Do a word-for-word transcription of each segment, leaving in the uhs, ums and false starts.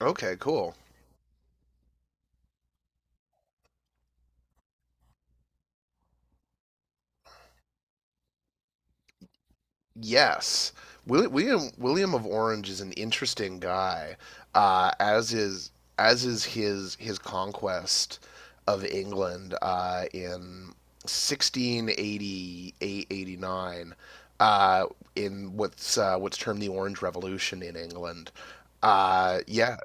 Okay, cool. Yes. Willi- William William of Orange is an interesting guy, uh, as is as is his his conquest of England uh, in sixteen eighty-eight eighty-nine, uh, in what's uh, what's termed the Orange Revolution in England. Uh, yeah,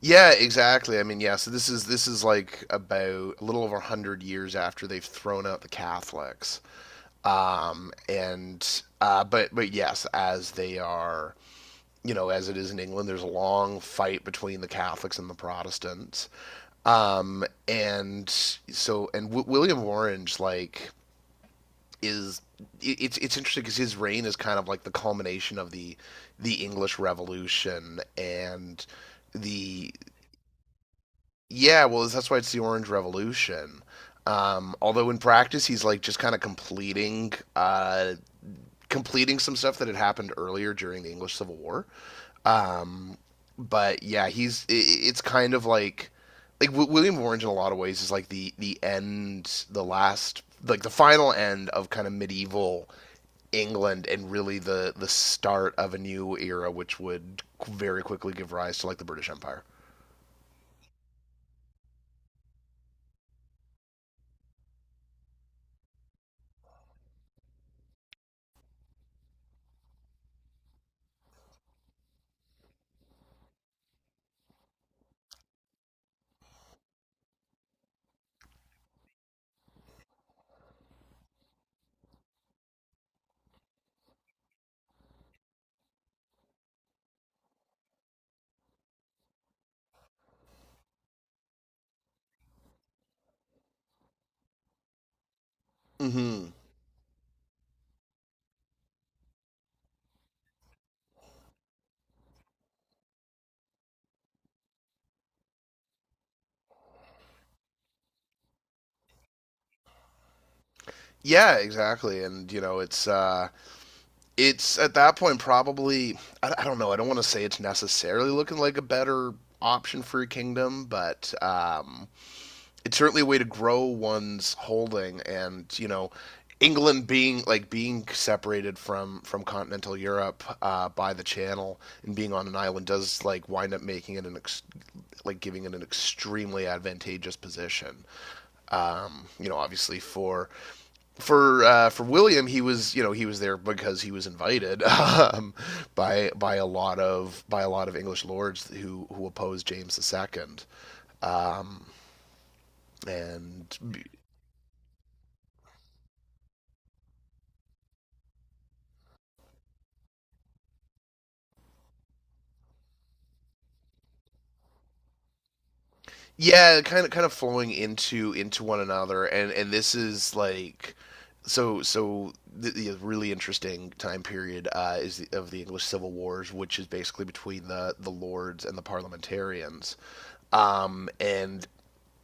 yeah, exactly. I mean, yeah. So this is this is like about a little over a hundred years after they've thrown out the Catholics. Um, and uh, but but yes, as they are, you know, as it is in England, there's a long fight between the Catholics and the Protestants. Um, and so and w- William of Orange, like, is it- it's it's interesting because his reign is kind of like the culmination of the the English Revolution and the. Yeah, well, that's why it's the Orange Revolution. Um, although in practice he's like just kind of completing uh, completing some stuff that had happened earlier during the English Civil War. Um, but yeah, he's I it's kind of like, like w- William of Orange in a lot of ways is like the the end, the last, like the final end of kind of medieval England, and really the the start of a new era, which would very quickly give rise to like the British Empire. hmm Yeah, exactly, and, you know, it's. Uh it's at that point probably. I, I don't know. I don't want to say it's necessarily looking like a better option for your kingdom, but um, it's certainly a way to grow one's holding. And, you know, England being like being separated from from continental Europe uh, by the Channel and being on an island does, like, wind up making it an ex- like giving it an extremely advantageous position. Um, you know, obviously for for uh, for William, he was you know he was there because he was invited um, by by a lot of by a lot of English lords who who opposed James the second. Um, and Yeah, kind of kind of flowing into into one another, and and this is like so so the, the really interesting time period uh, is, the, of the English Civil Wars, which is basically between the the lords and the parliamentarians. Um, and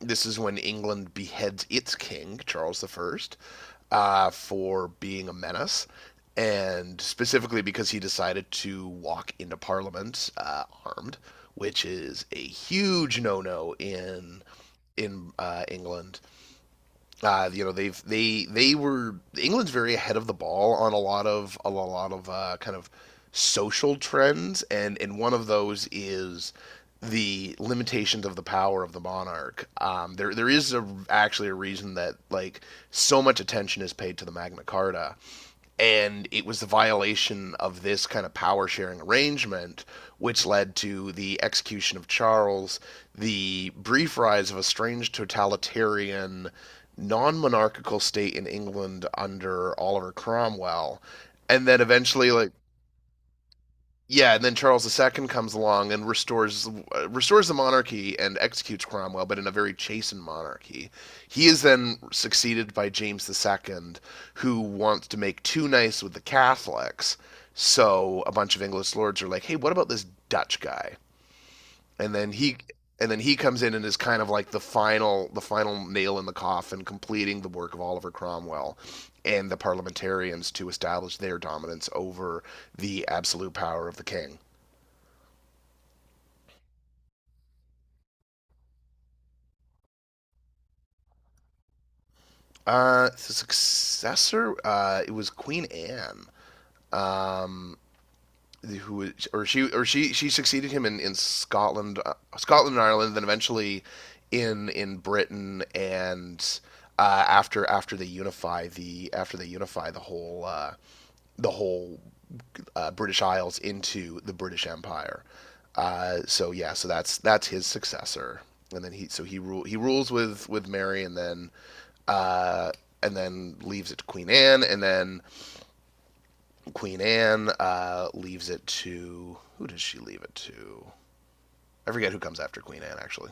This is when England beheads its king, Charles the first, uh, for being a menace, and specifically because he decided to walk into Parliament uh, armed, which is a huge no-no in in uh, England. uh, you know they've they they were England's very ahead of the ball on a lot of a lot of uh, kind of social trends, and and one of those is the limitations of the power of the monarch. Um, there there is, a, actually, a reason that, like, so much attention is paid to the Magna Carta, and it was the violation of this kind of power sharing arrangement which led to the execution of Charles, the brief rise of a strange totalitarian non monarchical state in England under Oliver Cromwell, and then eventually, like. Yeah, and then Charles the second comes along and restores uh, restores the monarchy and executes Cromwell, but in a very chastened monarchy. He is then succeeded by James the second, who wants to make too nice with the Catholics. So a bunch of English lords are like, "Hey, what about this Dutch guy?" And then he and then he comes in and is kind of like the final the final nail in the coffin, completing the work of Oliver Cromwell and the parliamentarians to establish their dominance over the absolute power of the king. Uh, the successor, uh, it was Queen Anne. Um, who or she or she she succeeded him in in Scotland, uh, Scotland and Ireland, then eventually in in Britain, and uh, after after they unify the after they unify the whole uh, the whole uh, British Isles into the British Empire. Uh, so yeah, so that's that's his successor, and then he so he rule he rules with with Mary, and then uh, and then leaves it to Queen Anne, and then Queen Anne uh, leaves it to— who does she leave it to? I forget who comes after Queen Anne actually.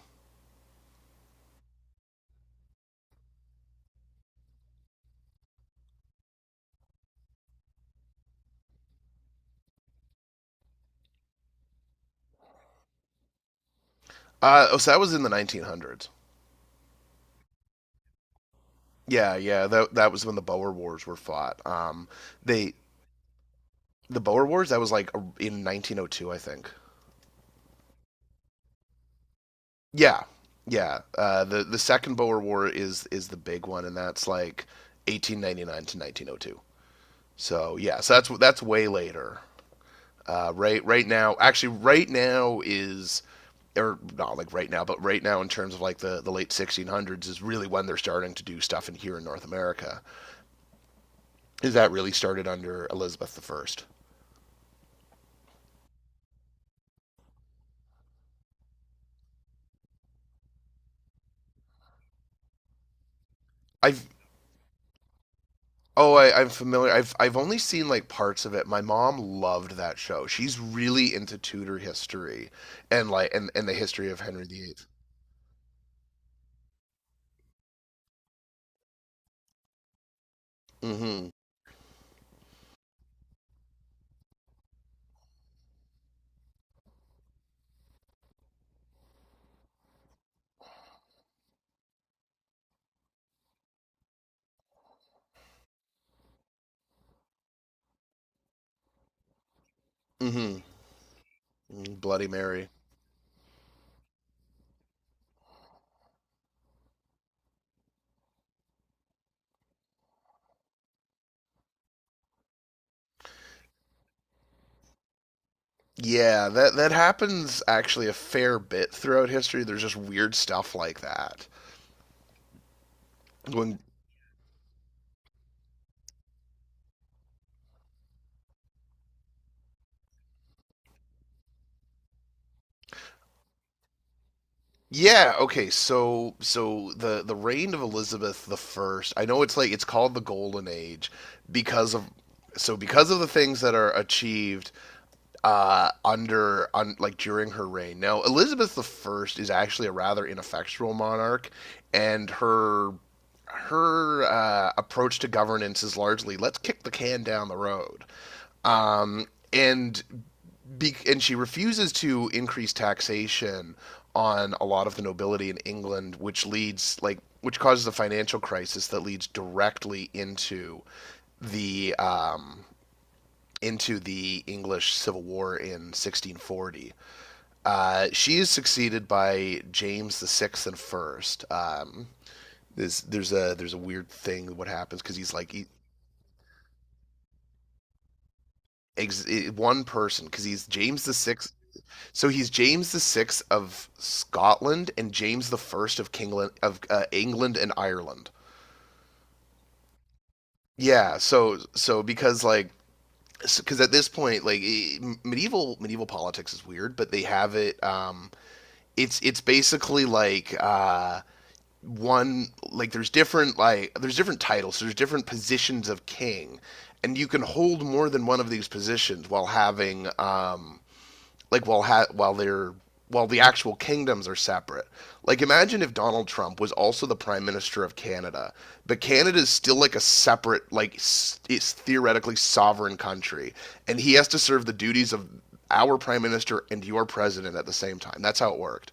Uh, oh, so that was in the nineteen hundreds. Yeah, yeah, that that was when the Boer Wars were fought. Um, they the Boer Wars that was like in nineteen oh two, I think. Yeah, yeah. Uh, the the second Boer War is is the big one, and that's like eighteen ninety-nine to nineteen oh two. So yeah, so that's that's way later. Uh, right right now, actually, right now is— or not like right now, but right now in terms of, like, the, the late sixteen hundreds is really when they're starting to do stuff in here in North America. Is that really started under Elizabeth the first. I've Oh, I, I'm familiar. I've I've only seen like parts of it. My mom loved that show. She's really into Tudor history and like and, and the history of Henry the eighth. Mm-hmm. Mm-hmm. Mm, Bloody Mary. Yeah, that that happens actually a fair bit throughout history. There's just weird stuff like that. When Yeah, okay, so so the the reign of Elizabeth the First. I know it's, like, it's called the Golden Age, because of so because of the things that are achieved, uh, under un, like, during her reign. Now Elizabeth the First is actually a rather ineffectual monarch, and her her uh, approach to governance is largely, let's kick the can down the road. Um, and be, and she refuses to increase taxation on a lot of the nobility in England, which leads like which causes a financial crisis that leads directly into the um, into the English Civil War in sixteen forty. Uh, she is succeeded by James the Sixth and First. Um, there's there's a there's a weird thing what happens because he's like, he. Ex- eh, one person, because he's James the Sixth. So he's James the Sixth of Scotland and James the First of Kingland, of uh, England and Ireland. Yeah, so so because, like because so, at this point, like, medieval medieval politics is weird, but they have it. Um, it's it's basically like uh, one, like there's different like, there's different titles, so there's different positions of king, and you can hold more than one of these positions while having um, like while ha- while they're while the actual kingdoms are separate. Like, imagine if Donald Trump was also the prime minister of Canada, but Canada is still, like, a separate, like s- it's theoretically sovereign country, and he has to serve the duties of our prime minister and your president at the same time. That's how it worked.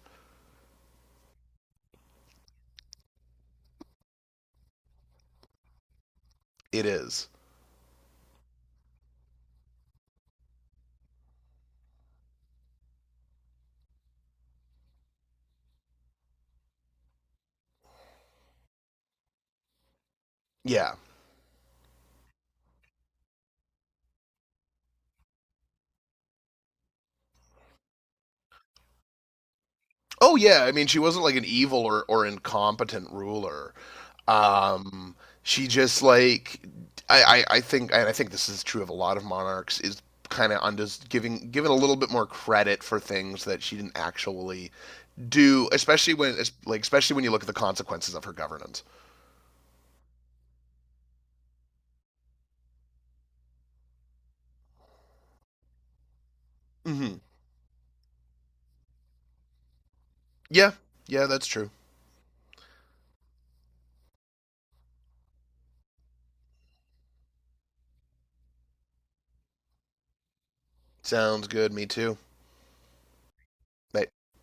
It is. Yeah. Oh yeah, I mean, she wasn't like an evil or, or incompetent ruler. Um, she just, like, I, I, I think, and I think this is true of a lot of monarchs, is kind of, undes giving given a little bit more credit for things that she didn't actually do, especially when es- like especially when you look at the consequences of her governance. hmm Yeah, yeah, that's true. Sounds good. Me too.